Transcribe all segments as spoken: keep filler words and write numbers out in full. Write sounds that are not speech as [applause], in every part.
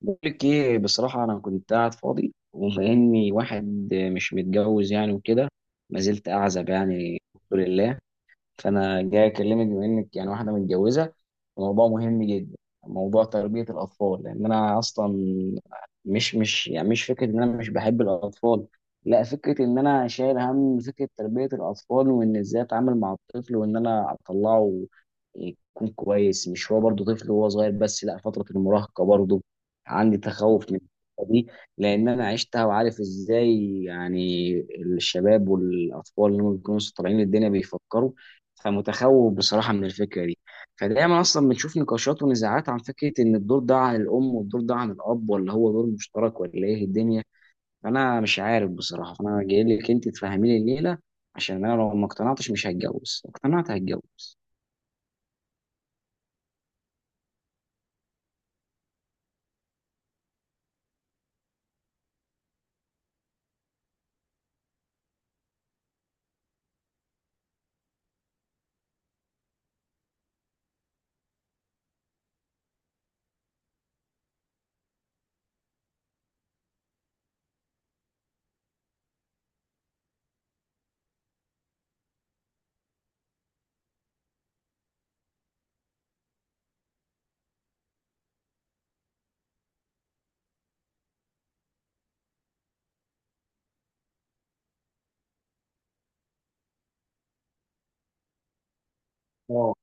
بقول لك ايه؟ بصراحة أنا كنت قاعد فاضي، وبما إني واحد مش متجوز يعني وكده. ما زلت أعزب يعني الحمد لله. فانا جاي اكلمك بما انك يعني واحده متجوزه. الموضوع مهم جدا، موضوع تربيه الاطفال. لان انا اصلا مش مش يعني مش فكره ان انا مش بحب الاطفال، لا، فكره ان انا شايل هم فكره تربيه الاطفال، وان ازاي اتعامل مع الطفل، وان انا اطلعه يكون كويس. مش هو برضه طفل وهو صغير بس، لا، فتره المراهقه برضه عندي تخوف من الحتة دي، لان انا عشتها وعارف ازاي يعني الشباب والاطفال اللي هم بيكونوا لسه طالعين الدنيا بيفكروا. فمتخوف بصراحة من الفكرة دي. فدايما أصلا بنشوف نقاشات ونزاعات عن فكرة إن الدور ده عن الأم والدور ده عن الأب، ولا هو دور مشترك، ولا إيه الدنيا. أنا مش عارف بصراحة، فأنا جاي لك أنت تفهمي لي الليلة، عشان أنا لو ما اقتنعتش مش هتجوز، لو اقتنعت هتجوز. اه،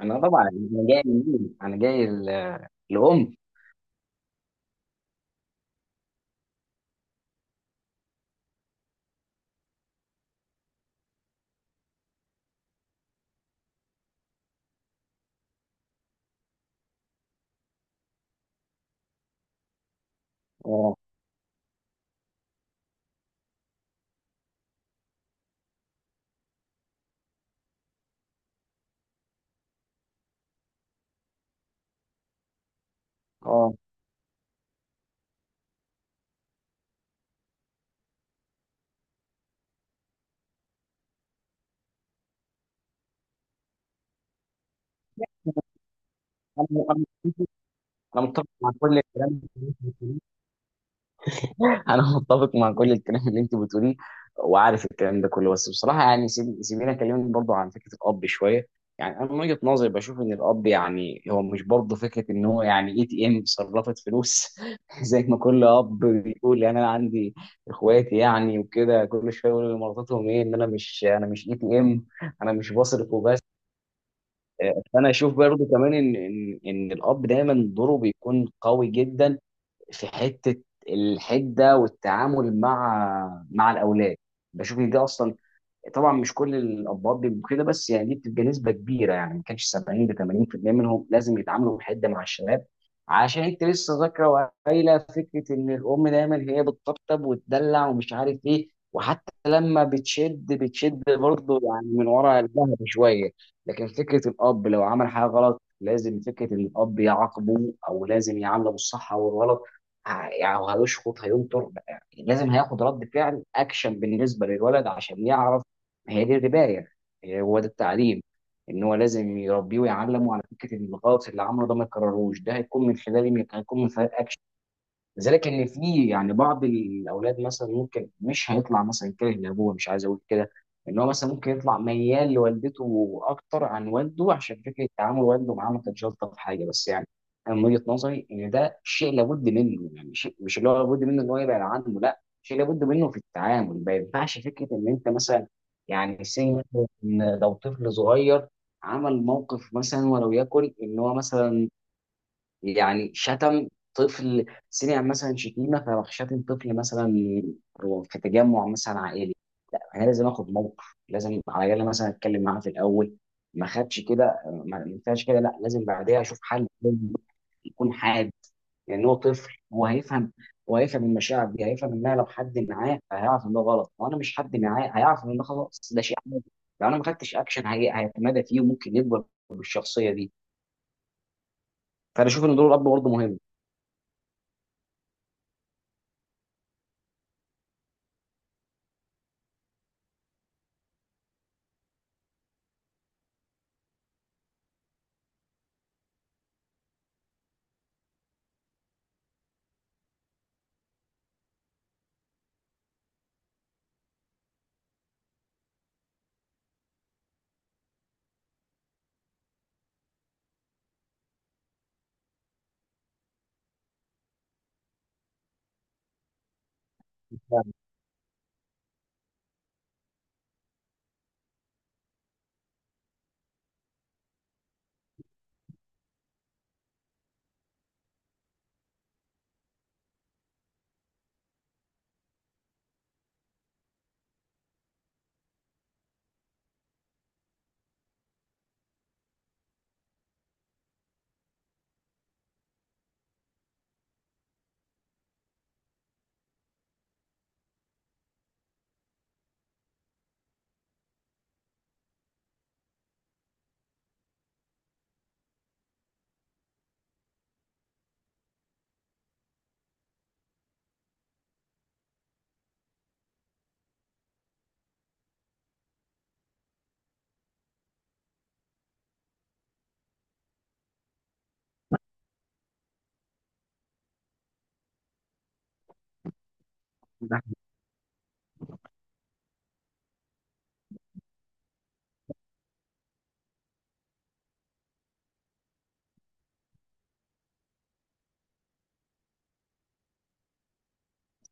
أنا طبعا أنا جاي من مين؟ أنا جاي ال- الأم. أه. أه. أنا أنا- أنا متفق مع كل الكلام. [laughs] انا متفق مع كل الكلام اللي انت بتقوليه، وعارف الكلام ده كله. بس بصراحه يعني سيب- سيبيني اكلمك برضو عن فكره الاب شويه. يعني انا من وجهه نظري بشوف ان الاب يعني هو مش برضه فكره ان هو يعني اي تي ام صرفت فلوس. [laughs] زي ما كل اب بيقول، يعني انا عندي اخواتي يعني وكده كل شويه يقولوا لمراتهم ايه، ان انا مش انا مش اي تي ام. انا مش بصرف وبس. آه، فانا اشوف برضو كمان ان ان ان الاب دايما دوره بيكون قوي جدا في حته الحده والتعامل مع مع الاولاد. بشوف ان دي اصلا، طبعا مش كل الاباء بيبقوا كده، بس يعني دي بتبقى نسبه كبيره. يعني ما كانش سبعين ل ثمانين في المية منهم لازم يتعاملوا بحده مع الشباب، عشان انت لسه ذاكره وقايله فكره ان الام دايما هي بتطبطب وتدلع ومش عارف ايه، وحتى لما بتشد بتشد برضه يعني من ورا الظهر شويه. لكن فكره الاب لو عمل حاجه غلط، لازم فكره ان الاب يعاقبه، او لازم يعامله بالصح او الغلط. ه- يعني هيشخط هينطر، يعني لازم هياخد رد فعل اكشن بالنسبه للولد عشان يعرف هي دي الرباية، هي هو ده التعليم. ان هو لازم يربيه ويعلمه على فكره ان الغلط اللي عمله ده ما يكرروش. ده هيكون من خلال مين؟ هيكون من خلال، لذلك، ان في يعني بعض الاولاد مثلا ممكن مش هيطلع مثلا كاره لابوه، مش عايز اقول كده، ان هو مثلا ممكن يطلع ميال لوالدته اكتر عن والده، عشان فكره تعامل والده معاه ما كانتش الطف حاجه. بس يعني انا من وجهه نظري ان ده شيء لابد منه، يعني شيء مش اللي هو لابد منه ان هو يبعد عنه، لا شيء لابد منه في التعامل. ما ينفعش فكره ان انت مثلا يعني سي مثلا، إن لو طفل صغير عمل موقف مثلا ولو يكن ان هو مثلا يعني شتم، طفل سمع مثلا شتيمه فراح شتم طفل مثلا في تجمع مثلا عائلي، لا انا لازم اخد موقف. لازم على الاقل مثلا اتكلم معاه في الاول، ما خدش كده. ما ما ينفعش كده، لا، لازم بعدها اشوف حل لازم يكون حاد، لان هو طفل هو هيفهم. هو هيفهم المشاعر دي، هيفهم انها لو حد معاه هيعرف ان ده غلط، وانا مش حد معاه هيعرف ان ده خلاص ده شيء عادي. لو انا ما خدتش اكشن، هي- هيتمادى فيه وممكن يكبر بالشخصيه دي. فانا اشوف ان دور الاب برضه مهم.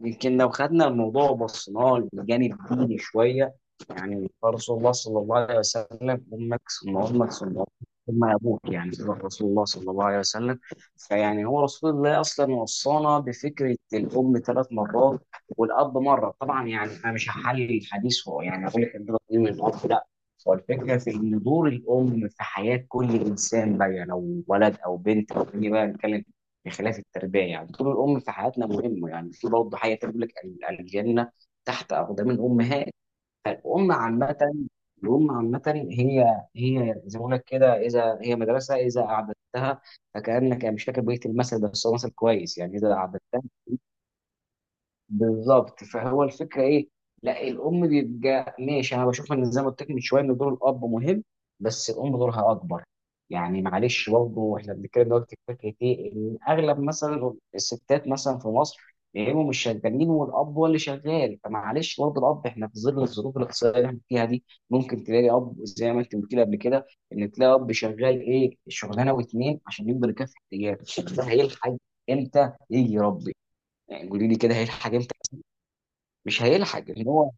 يمكن لو خدنا الموضوع وبصيناه للجانب الديني شويه. يعني رسول الله صلى الله عليه وسلم، امك ثم امك ثم أمك ثم ابوك. يعني ده رسول الله صلى الله عليه وسلم، فيعني هو رسول الله اصلا وصانا بفكره الام ثلاث مرات والاب مره. طبعا يعني انا مش هحلل الحديث، هو يعني اقول لك ان ده تقييم الاب، لا. هو الفكره في ان دور الام في حياه كل انسان بقى، يعني لو ولد او بنت، او بني بقى نتكلم بخلاف التربيه. يعني دور الام في حياتنا مهم، يعني في برضه حاجه تقول لك ال- الجنه تحت اقدام الامهات. فالام عامه، الام عامه هي، هي زي ما بقول لك كده، اذا هي مدرسه اذا اعددتها، فكانك، يعني مش فاكر بقيه المثل، بس هو مثل كويس، يعني اذا اعددتها. بالظبط، فهو الفكره ايه؟ لا الام بيبقى ماشي، انا بشوف ان زي ما قلت لك من شويه ان دور الاب مهم، بس الام دورها اكبر. يعني معلش برضه احنا بنتكلم دلوقتي في فكره ايه، ان اغلب مثلا الستات مثلا في مصر يا اما مش شغالين والاب هو اللي شغال، فمعلش برضه الاب احنا في ظل الظروف الاقتصاديه اللي احنا فيها دي ممكن تلاقي اب زي ما انت قلت لي قبل كده، ان تلاقي اب شغال ايه، شغلانه واتنين عشان يقدر يكفي احتياجاته، ده هيلحق امتى يجي يربي؟ يعني قولي لي كده هيلحق امتى؟ مش هيلحق. ان هو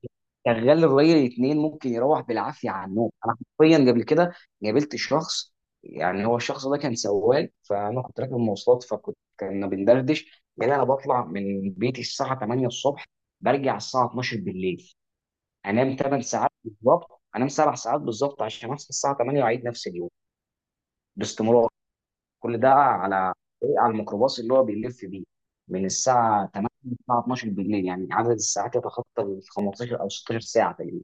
شغال الراجل اتنين ممكن يروح بالعافيه على النوم. انا حرفيا قبل كده قابلت شخص، يعني هو الشخص ده كان سواق، فانا كنت راكب مواصلات فكنت كنا بندردش. قال انا بطلع من بيتي الساعه تمانية الصبح، برجع الساعه اتناشر بالليل، انام ثماني ساعات بالظبط، انام سبع ساعات بالظبط عشان اصحى الساعه تمانية واعيد نفس اليوم باستمرار. كل ده على إيه؟ على الميكروباص اللي هو بيلف بيه من الساعة تمانية للساعة اتناشر بالليل، يعني عدد الساعات يتخطى ال خمسة عشر أو ستاشر ساعة تقريبا.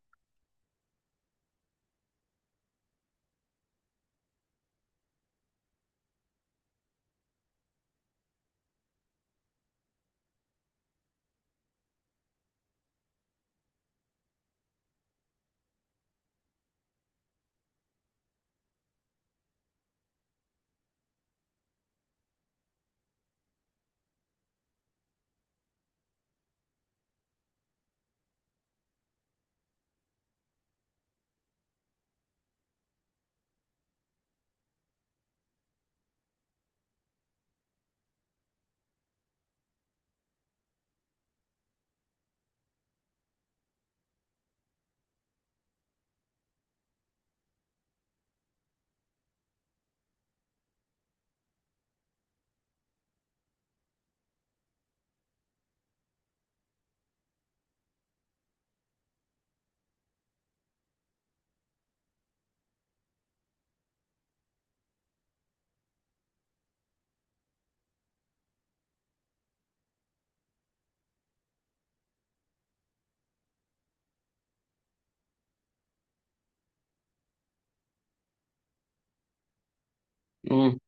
امم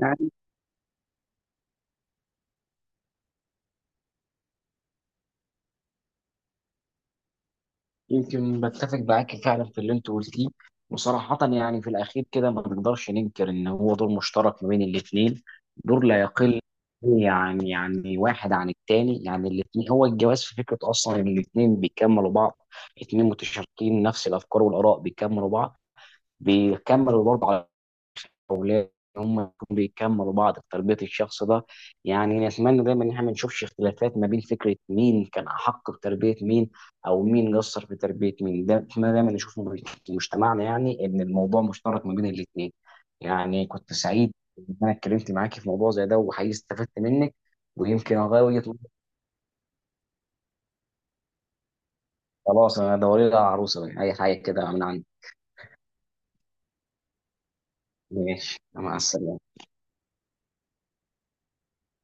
يعني يمكن بتفق معاك فعلا في اللي أنت قلتيه. وصراحة يعني في الأخير كده ما نقدرش ننكر إن هو دور مشترك ما بين الاتنين، دور لا يقل يعني يعني واحد عن التاني. يعني الاتنين هو الجواز في فكرة أصلا إن الاتنين بيكملوا بعض، اتنين متشاركين نفس الأفكار والآراء بيكملوا بعض، بيكملوا برضه على، وليه هم يكونوا بيكملوا بعض في تربية الشخص ده. يعني نتمنى دايما ان احنا ما نشوفش اختلافات ما بين فكرة مين كان أحق بتربية مين، أو مين قصر في تربية مين، ده نتمنى دايما نشوفه في مجتمعنا، يعني إن الموضوع مشترك ما بين الاتنين. يعني كنت سعيد إن أنا اتكلمت معاكي في موضوع زي ده، وحقيقي استفدت منك، ويمكن أغير وجهة نظري. خلاص أنا دوري لها عروسة أي حاجة كده من عندي. ماشي مع السلامة.